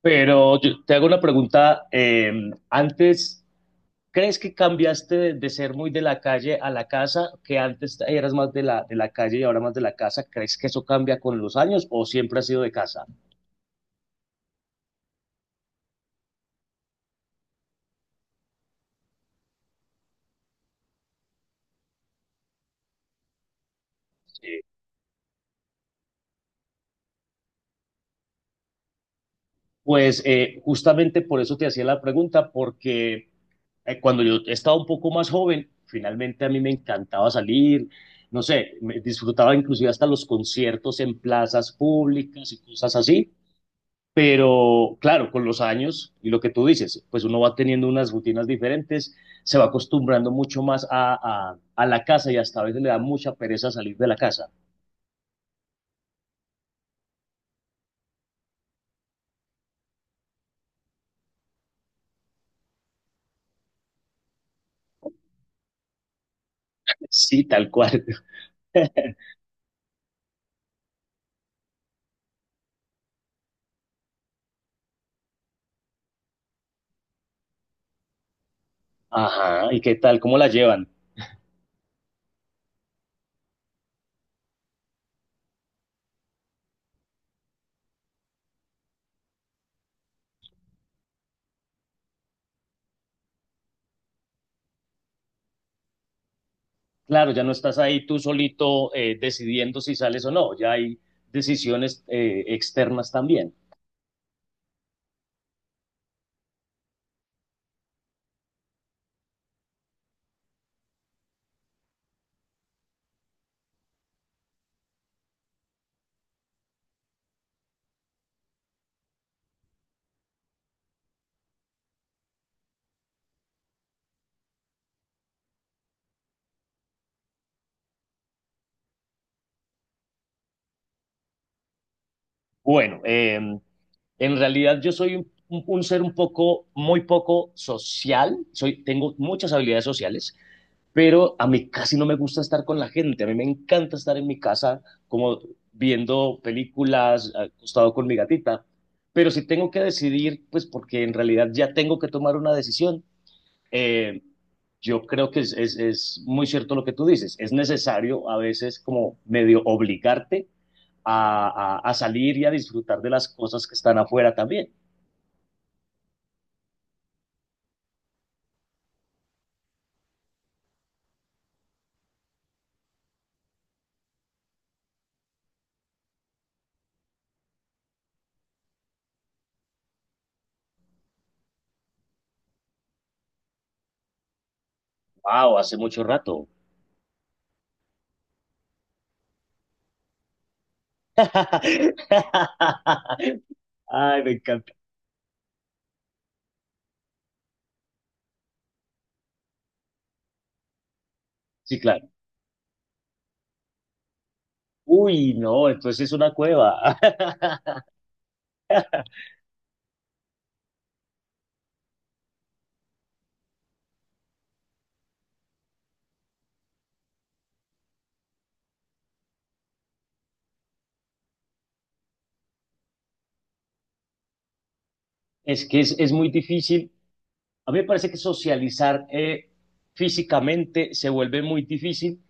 Pero yo te hago una pregunta. Antes, ¿crees que cambiaste de ser muy de la calle a la casa? Que antes eras más de la calle y ahora más de la casa. ¿Crees que eso cambia con los años o siempre has sido de casa? Sí. Pues justamente por eso te hacía la pregunta, porque cuando yo estaba un poco más joven, finalmente a mí me encantaba salir, no sé, me disfrutaba inclusive hasta los conciertos en plazas públicas y cosas así. Pero claro, con los años y lo que tú dices, pues uno va teniendo unas rutinas diferentes, se va acostumbrando mucho más a la casa y hasta a veces le da mucha pereza salir de la casa. Sí, tal cual. Ajá, ¿y qué tal? ¿Cómo la llevan? Claro, ya no estás ahí tú solito, decidiendo si sales o no, ya hay decisiones externas también. Bueno, en realidad yo soy un ser un poco, muy poco social, soy, tengo muchas habilidades sociales, pero a mí casi no me gusta estar con la gente, a mí me encanta estar en mi casa, como viendo películas, acostado con mi gatita, pero si tengo que decidir, pues porque en realidad ya tengo que tomar una decisión, eh, yo creo que muy cierto lo que tú dices, es necesario a veces como medio obligarte a salir y a disfrutar de las cosas que están afuera también. ¡Wow! Hace mucho rato. Ay, me encanta. Sí, claro. Uy, no, entonces es una cueva. Es que es muy difícil. A mí me parece que socializar físicamente se vuelve muy difícil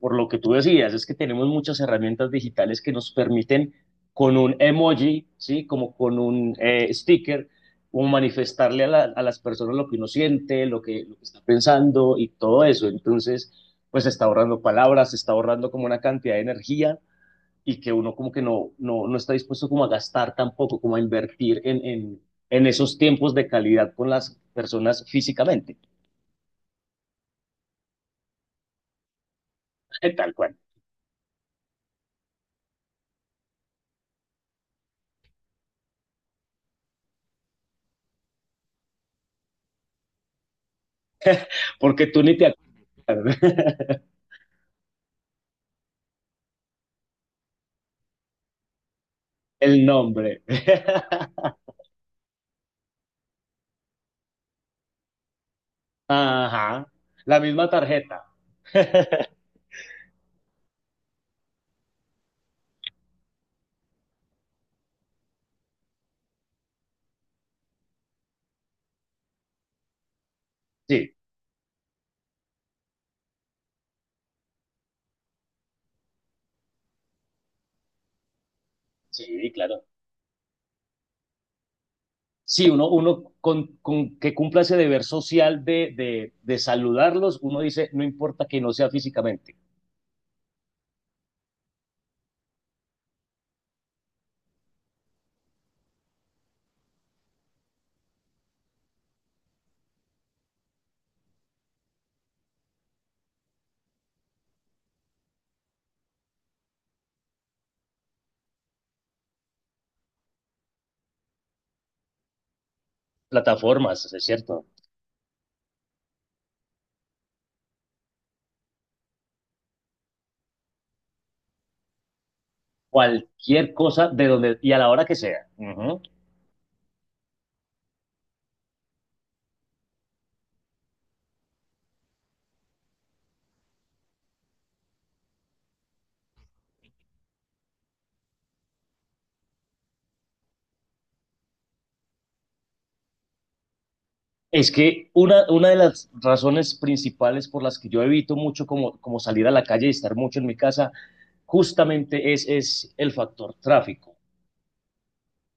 por lo que tú decías, es que tenemos muchas herramientas digitales que nos permiten con un emoji, ¿sí? Como con un sticker, como manifestarle a, a las personas lo que uno siente, lo que está pensando y todo eso. Entonces, pues se está ahorrando palabras, se está ahorrando como una cantidad de energía y que uno como que no está dispuesto como a gastar tampoco, como a invertir en esos tiempos de calidad con las personas físicamente. Tal cual, porque tú ni te acuerdas el nombre. Ajá, la misma tarjeta. Sí, sí, claro. Sí, uno con que cumpla ese deber social de saludarlos, uno dice, no importa que no sea físicamente. Plataformas, es cierto. Cualquier cosa de donde y a la hora que sea. Ujú. Es que una de las razones principales por las que yo evito mucho, como, como salir a la calle y estar mucho en mi casa, justamente es el factor tráfico.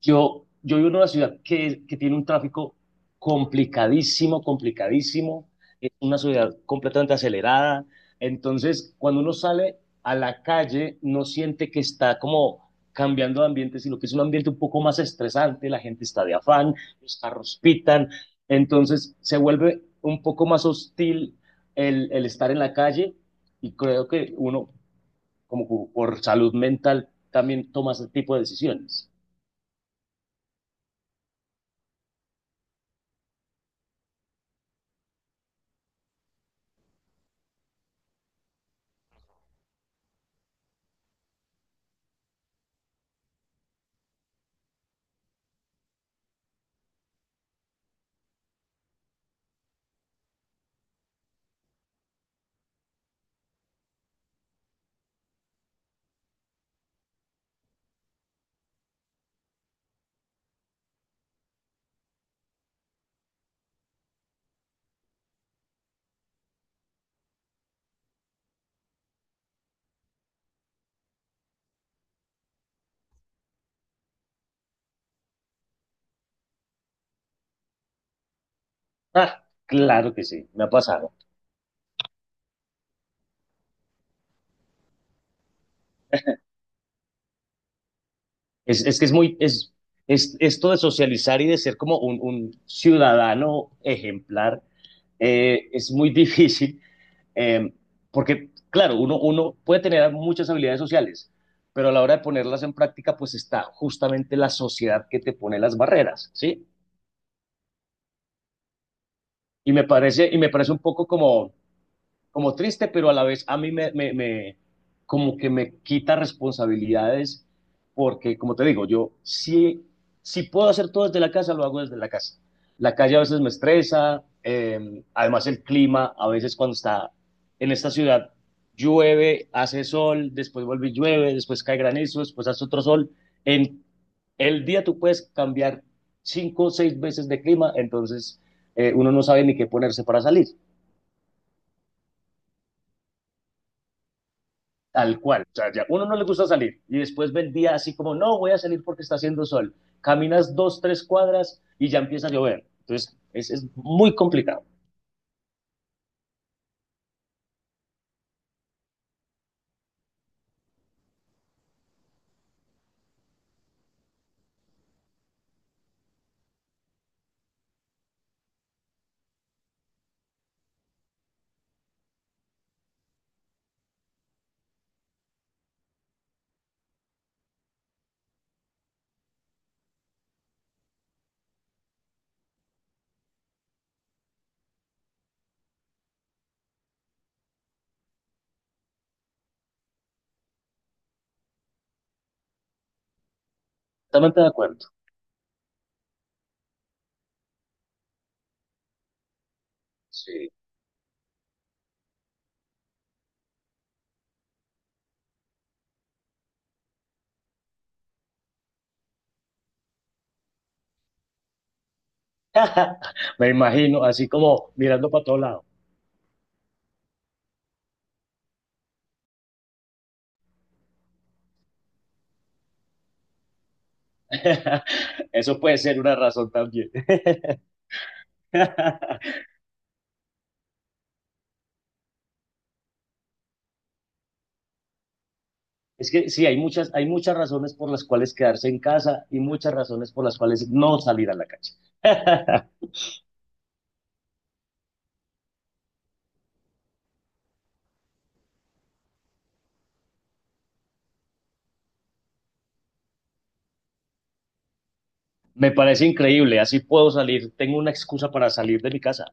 Yo vivo en una ciudad que tiene un tráfico complicadísimo, complicadísimo, es una ciudad completamente acelerada, entonces cuando uno sale a la calle no siente que está como cambiando de ambiente, sino que es un ambiente un poco más estresante, la gente está de afán, los carros pitan, entonces se vuelve un poco más hostil el estar en la calle y creo que uno como por salud mental también toma ese tipo de decisiones. Ah, claro que sí, me ha pasado. Es que es muy, Es esto de socializar y de ser como un ciudadano ejemplar, es muy difícil, eh, porque claro, uno puede tener muchas habilidades sociales, pero a la hora de ponerlas en práctica, pues está justamente la sociedad que te pone las barreras, ¿sí? Y me parece un poco como, como triste, pero a la vez a mí me como que me quita responsabilidades, porque como te digo, yo sí, si puedo hacer todo desde la casa, lo hago desde la casa. La calle a veces me estresa, además el clima, a veces cuando está en esta ciudad, llueve, hace sol, después vuelve y llueve, después cae granizo, después hace otro sol. En el día tú puedes cambiar cinco o seis veces de clima, entonces uno no sabe ni qué ponerse para salir. Tal cual, o sea, ya uno no le gusta salir y después ve el día así como, no, voy a salir porque está haciendo sol. Caminas dos, tres cuadras y ya empieza a llover. Entonces, es muy complicado. Totalmente de acuerdo. Sí. Me imagino, así como mirando para todo lado. Eso puede ser una razón también. Es que sí, hay muchas razones por las cuales quedarse en casa y muchas razones por las cuales no salir a la calle. Me parece increíble, así puedo salir, tengo una excusa para salir de mi casa.